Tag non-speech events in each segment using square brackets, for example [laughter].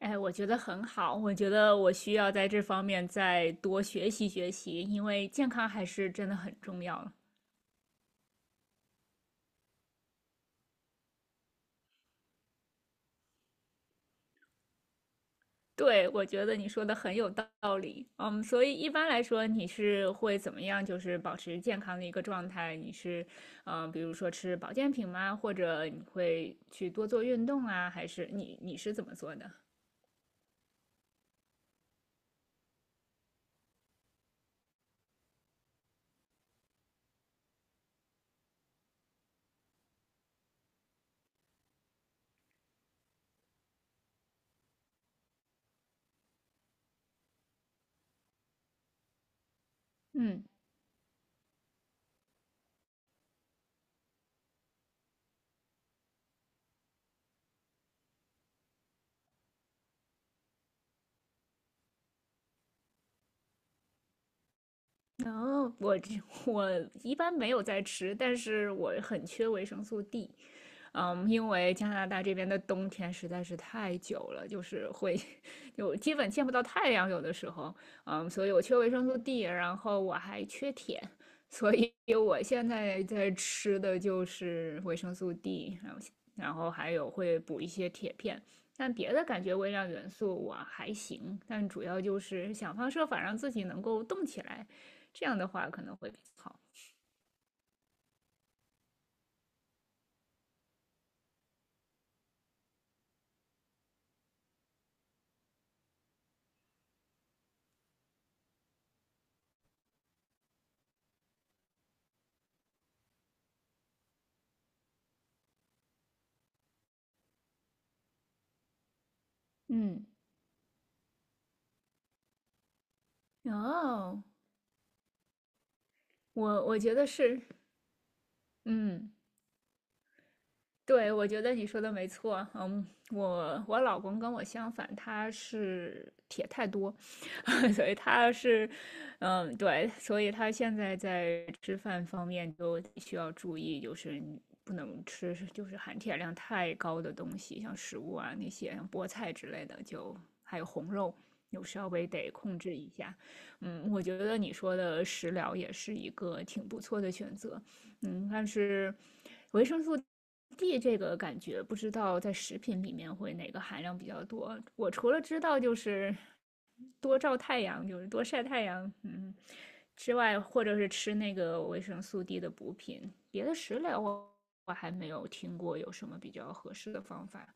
哎，我觉得很好，我觉得我需要在这方面再多学习学习，因为健康还是真的很重要了。对，我觉得你说的很有道理。嗯，所以一般来说，你是会怎么样，就是保持健康的一个状态？你是，嗯、比如说吃保健品吗？或者你会去多做运动啊？还是你是怎么做的？嗯，然后我一般没有在吃，但是我很缺维生素 D。因为加拿大这边的冬天实在是太久了，就是会 [laughs] 就基本见不到太阳，有的时候，所以我缺维生素 D，然后我还缺铁，所以 [laughs] 我现在在吃的就是维生素 D，然后还有会补一些铁片，但别的感觉微量元素我还行，但主要就是想方设法让自己能够动起来，这样的话可能会比较好。嗯，哦，我觉得是，嗯。对，我觉得你说的没错。嗯，我老公跟我相反，他是铁太多，[laughs] 所以他是，嗯，对，所以他现在在吃饭方面就需要注意，就是你不能吃就是含铁量太高的东西，像食物啊那些，像菠菜之类的，就还有红肉，有稍微得控制一下。我觉得你说的食疗也是一个挺不错的选择。但是维生素 D 这个感觉不知道在食品里面会哪个含量比较多。我除了知道就是多照太阳，就是多晒太阳，之外，或者是吃那个维生素 D 的补品，别的食疗我还没有听过有什么比较合适的方法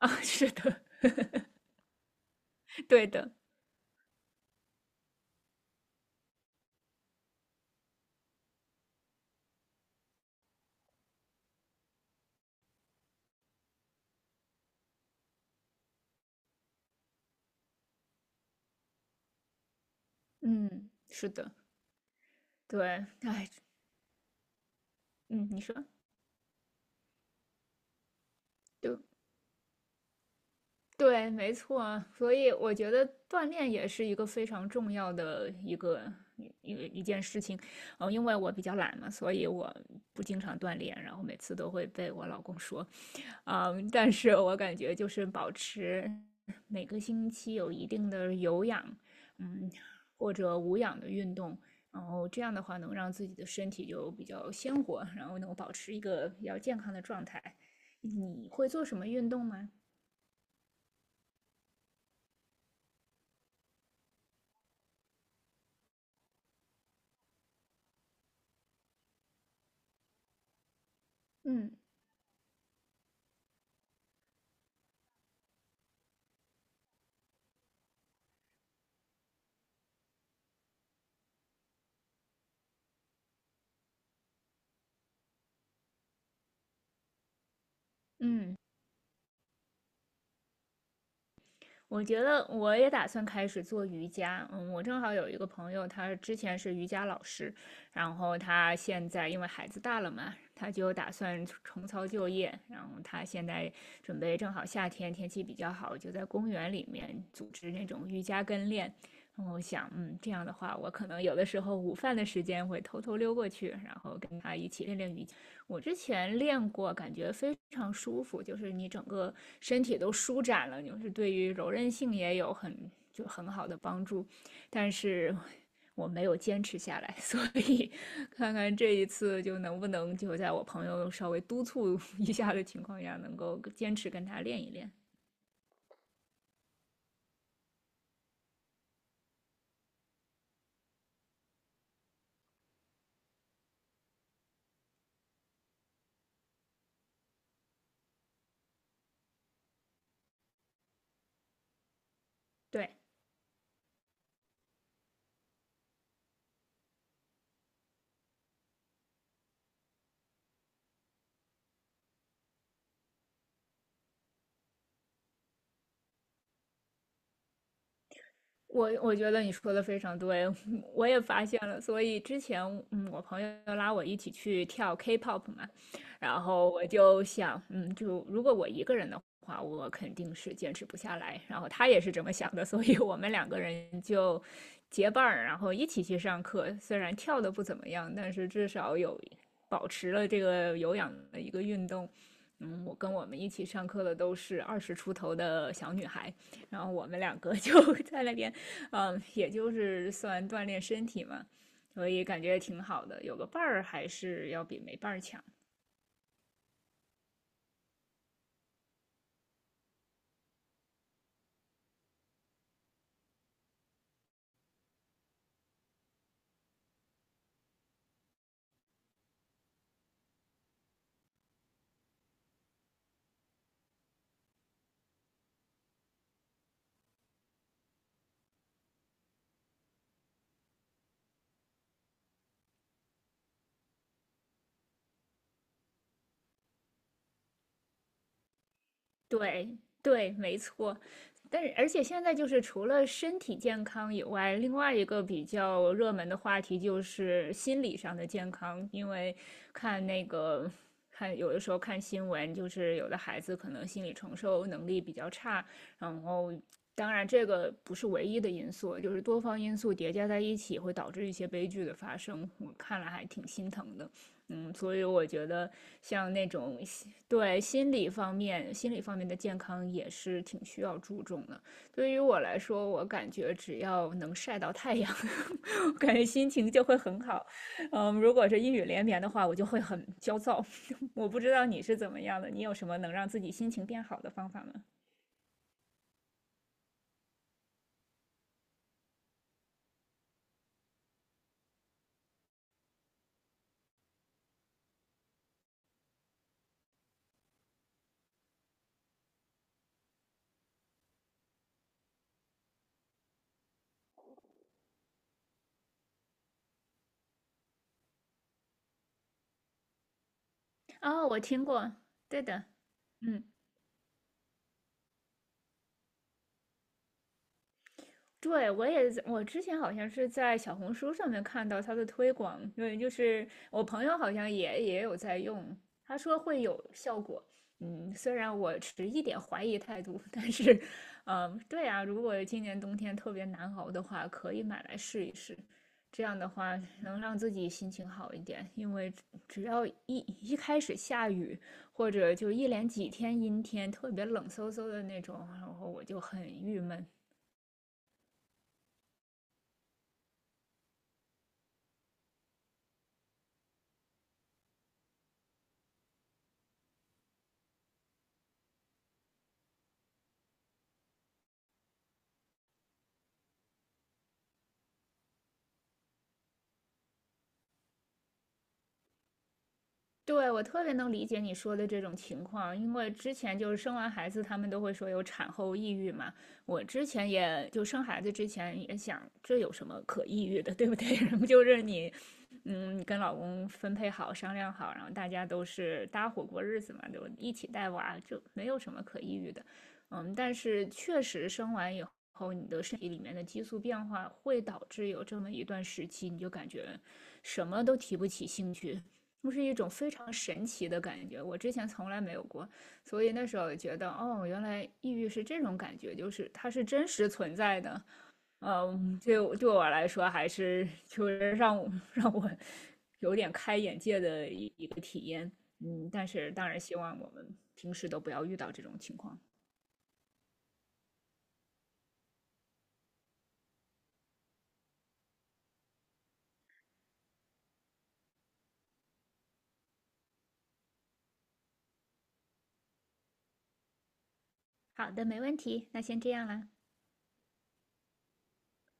啊。[laughs] 是的，对的，嗯，是的，对，哎，嗯，你说，对，对，没错啊，所以我觉得锻炼也是一个非常重要的一个一一一件事情。因为我比较懒嘛，所以我不经常锻炼，然后每次都会被我老公说，但是我感觉就是保持每个星期有一定的有氧，嗯，或者无氧的运动，然后这样的话能让自己的身体就比较鲜活，然后能保持一个比较健康的状态。你会做什么运动吗？嗯嗯。我觉得我也打算开始做瑜伽。嗯，我正好有一个朋友，他之前是瑜伽老师，然后他现在因为孩子大了嘛，他就打算重操旧业。然后他现在准备正好夏天天气比较好，就在公园里面组织那种瑜伽跟练。然后我想，这样的话，我可能有的时候午饭的时间会偷偷溜过去，然后跟他一起练练瑜伽。我之前练过，感觉非常舒服，就是你整个身体都舒展了，就是对于柔韧性也有很就很好的帮助。但是我没有坚持下来，[laughs] 所以看看这一次就能不能就在我朋友稍微督促 [laughs] 一下的情况下，能够坚持跟他练一练。对，我觉得你说的非常对，[laughs] 我也发现了。所以之前，我朋友拉我一起去跳 K-pop 嘛，然后我就想，就如果我一个人的话，我肯定是坚持不下来。然后他也是这么想的，所以我们两个人就结伴儿，然后一起去上课。虽然跳的不怎么样，但是至少有保持了这个有氧的一个运动。我跟我们一起上课的都是二十出头的小女孩，然后我们两个 [laughs] 就在那边，也就是算锻炼身体嘛，所以感觉挺好的。有个伴儿还是要比没伴儿强。对对，没错。但是，而且现在就是除了身体健康以外，另外一个比较热门的话题就是心理上的健康。因为看那个，看有的时候看新闻，就是有的孩子可能心理承受能力比较差，然后当然这个不是唯一的因素，就是多方因素叠加在一起会导致一些悲剧的发生。我看了还挺心疼的。所以我觉得像那种对，心理方面的健康也是挺需要注重的。对于我来说，我感觉只要能晒到太阳，[laughs] 我感觉心情就会很好。如果是阴雨连绵的话，我就会很焦躁。[laughs] 我不知道你是怎么样的，你有什么能让自己心情变好的方法吗？哦，我听过，对的，嗯。对，我也在，我之前好像是在小红书上面看到它的推广，因为就是我朋友好像也有在用，他说会有效果。虽然我持一点怀疑态度，但是，嗯，对啊，如果今年冬天特别难熬的话，可以买来试一试。这样的话能让自己心情好一点，因为只要一开始下雨，或者就一连几天阴天，特别冷飕飕的那种，然后我就很郁闷。对，我特别能理解你说的这种情况，因为之前就是生完孩子，他们都会说有产后抑郁嘛。我之前也就生孩子之前也想，这有什么可抑郁的，对不对？[laughs] 然后就是你跟老公分配好、商量好，然后大家都是搭伙过日子嘛，就一起带娃，就没有什么可抑郁的。但是确实生完以后，你的身体里面的激素变化会导致有这么一段时期，你就感觉什么都提不起兴趣，就是一种非常神奇的感觉，我之前从来没有过，所以那时候觉得，哦，原来抑郁是这种感觉，就是它是真实存在的。对，对我来说，还是就是让我有点开眼界的一个体验。但是当然希望我们平时都不要遇到这种情况。好的，没问题，那先这样啦，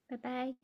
拜拜。